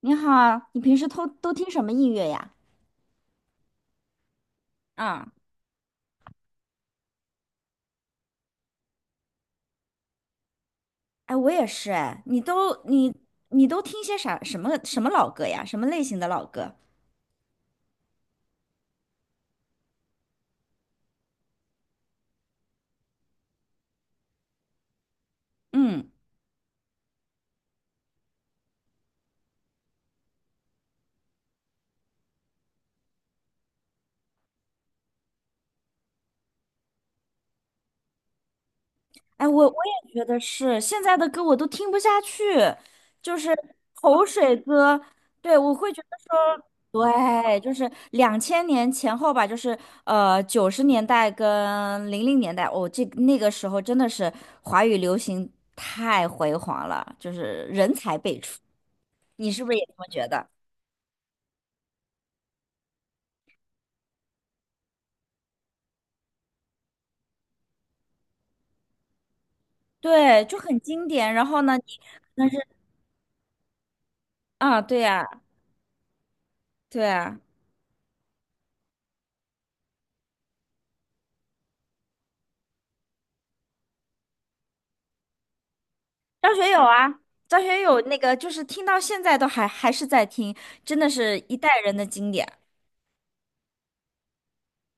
你好啊，你平时都听什么音乐呀？啊，哎，我也是哎，你都听些啥什么什么老歌呀？什么类型的老歌？嗯，哎，我也觉得是，现在的歌我都听不下去，就是口水歌。对，我会觉得说，对，就是两千年前后吧，就是九十年代跟零零年代，哦，这那个时候真的是华语流行太辉煌了，就是人才辈出。你是不是也这么觉得？对，就很经典。然后呢，啊，对呀，对呀，张学友啊，张学友那个就是听到现在都还是在听，真的是一代人的经典。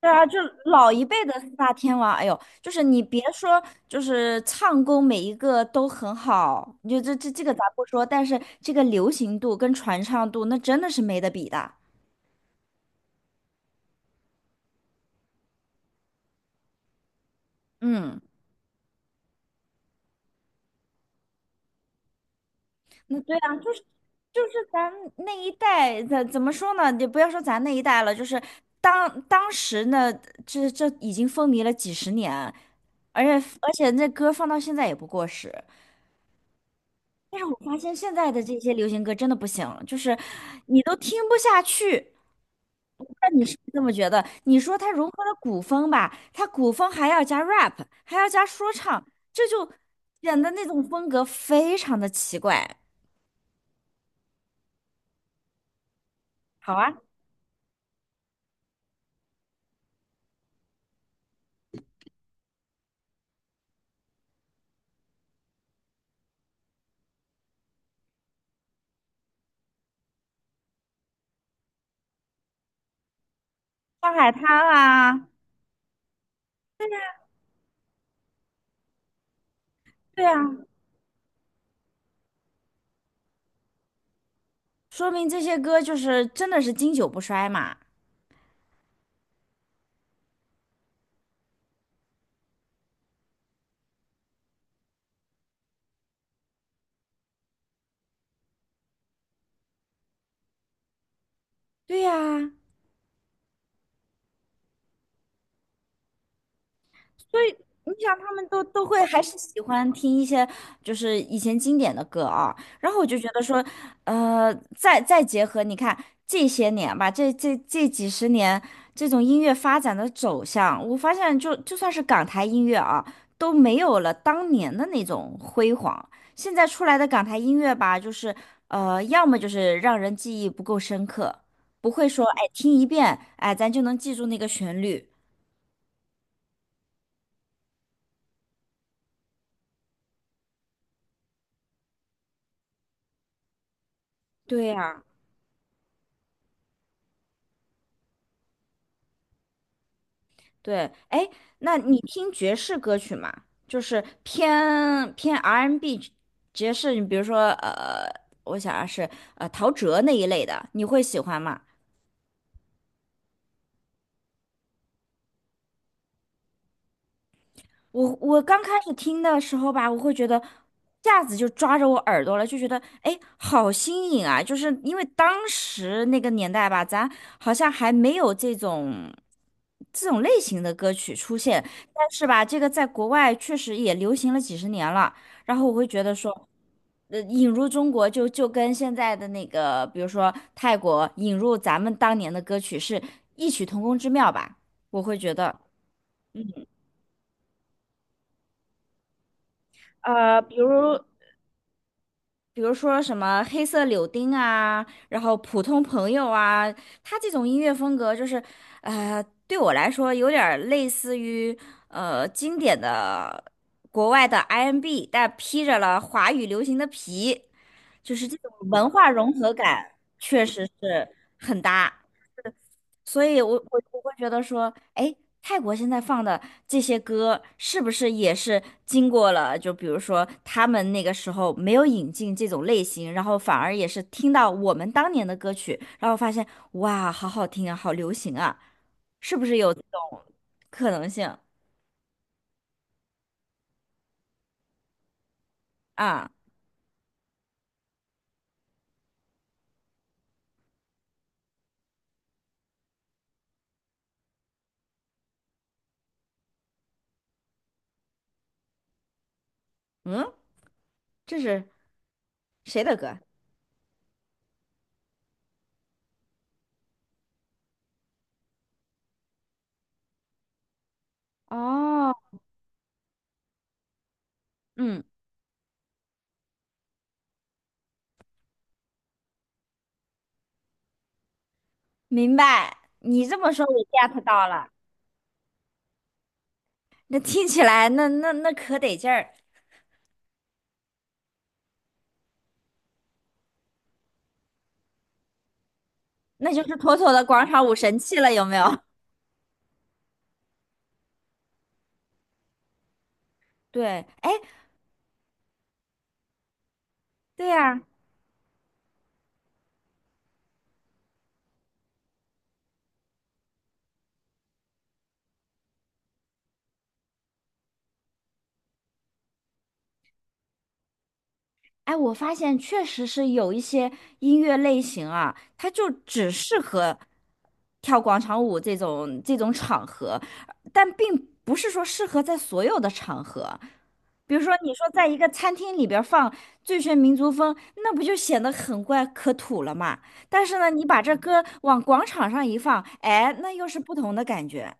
对啊，就老一辈的四大天王，哎呦，就是你别说，就是唱功每一个都很好，你就这个咱不说，但是这个流行度跟传唱度，那真的是没得比的。嗯。嗯，对啊，就是咱那一代，怎么说呢？你不要说咱那一代了，就是当时呢，这已经风靡了几十年，而且那歌放到现在也不过时。但是我发现现在的这些流行歌真的不行，就是你都听不下去。那你是不是这么觉得？你说它融合了古风吧，它古风还要加 rap，还要加说唱，这就显得那种风格非常的奇怪。好啊，上海滩啊。对呀，说明这些歌就是真的是经久不衰嘛。对呀，所以你想，他们都会还是喜欢听一些就是以前经典的歌啊。然后我就觉得说，再结合你看这些年吧，这几十年这种音乐发展的走向，我发现就算是港台音乐啊，都没有了当年的那种辉煌。现在出来的港台音乐吧，就是要么就是让人记忆不够深刻，不会说哎听一遍哎咱就能记住那个旋律。对呀、对，哎，那你听爵士歌曲吗？就是偏偏 R&B N 爵士，你比如说我想啊是陶喆那一类的，你会喜欢吗？我刚开始听的时候吧，我会觉得一下子就抓着我耳朵了，就觉得哎，好新颖啊！就是因为当时那个年代吧，咱好像还没有这种类型的歌曲出现，但是吧，这个在国外确实也流行了几十年了。然后我会觉得说，引入中国就跟现在的那个，比如说泰国引入咱们当年的歌曲是异曲同工之妙吧，我会觉得。呃，比如比如说什么黑色柳丁啊，然后普通朋友啊，他这种音乐风格就是，对我来说有点儿类似于经典的国外的 I M b 但披着了华语流行的皮，就是这种文化融合感，确实是很搭。所以我会觉得说，哎，泰国现在放的这些歌，是不是也是经过了？就比如说，他们那个时候没有引进这种类型，然后反而也是听到我们当年的歌曲，然后发现，哇，好好听啊，好流行啊，是不是有这种可能性啊？嗯，这是谁的歌？哦，嗯，明白。你这么说，我 get 到了。那听起来，那可得劲儿。那就是妥妥的广场舞神器了，有没有？对，哎，对呀，哎，我发现确实是有一些音乐类型啊，它就只适合跳广场舞这种场合，但并不是说适合在所有的场合。比如说，你说在一个餐厅里边儿放《最炫民族风》，那不就显得很怪可土了嘛？但是呢，你把这歌往广场上一放，哎，那又是不同的感觉。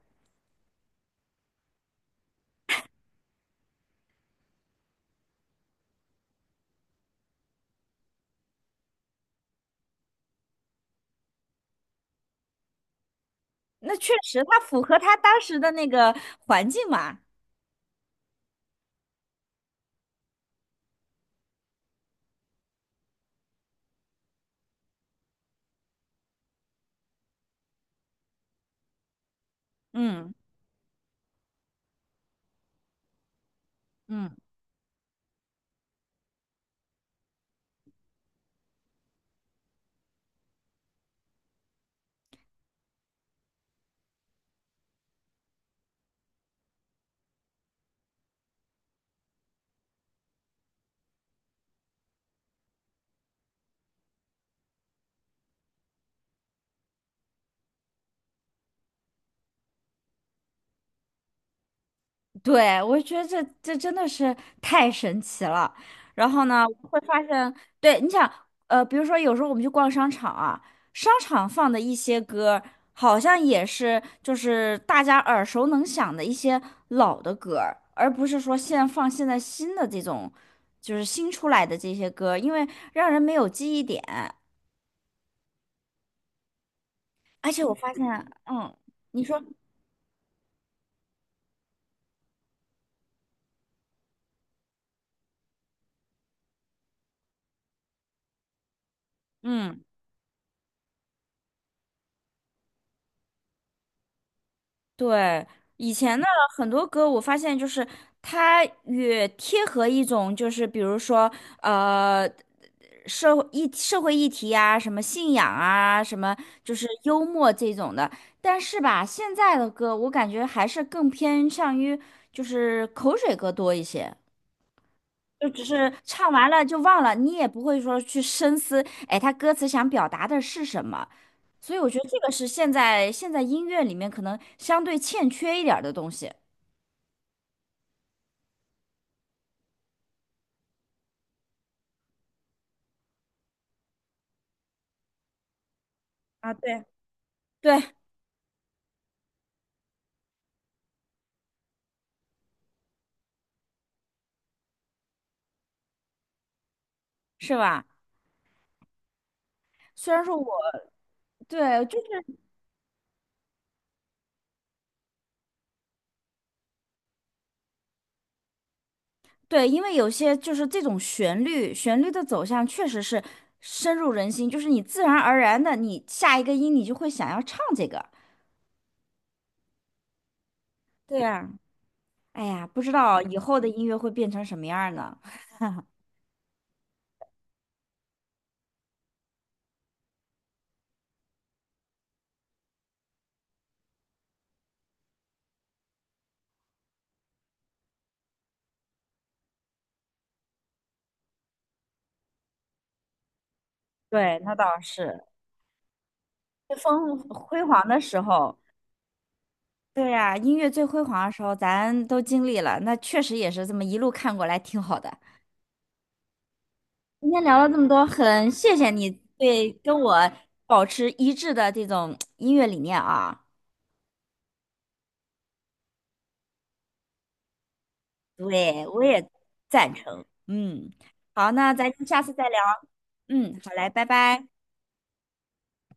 那确实，它符合他当时的那个环境嘛。嗯嗯，对，我觉得这真的是太神奇了。然后呢，会发现，对，你想，比如说有时候我们去逛商场啊，商场放的一些歌，好像也是就是大家耳熟能详的一些老的歌儿而不是说现在放现在新的这种，就是新出来的这些歌，因为让人没有记忆点。而且我发现，嗯，你说，嗯。对，以前的很多歌，我发现就是它越贴合一种，就是比如说呃社会议题啊，什么信仰啊，什么就是幽默这种的。但是吧，现在的歌我感觉还是更偏向于就是口水歌多一些，就只是唱完了就忘了，你也不会说去深思，哎，他歌词想表达的是什么。所以我觉得这个是现在音乐里面可能相对欠缺一点儿的东西。啊，对，对，是吧？虽然说我对，就是对，因为有些就是这种旋律，旋律的走向确实是深入人心，就是你自然而然的，你下一个音你就会想要唱这个。对呀，哎呀，不知道以后的音乐会变成什么样儿呢？对，那倒是，最辉煌的时候，对呀，音乐最辉煌的时候咱都经历了，那确实也是这么一路看过来，挺好的。今天聊了这么多，很谢谢你对跟我保持一致的这种音乐理念啊，对，我也赞成。嗯，好，那咱下次再聊。嗯，好嘞，拜拜。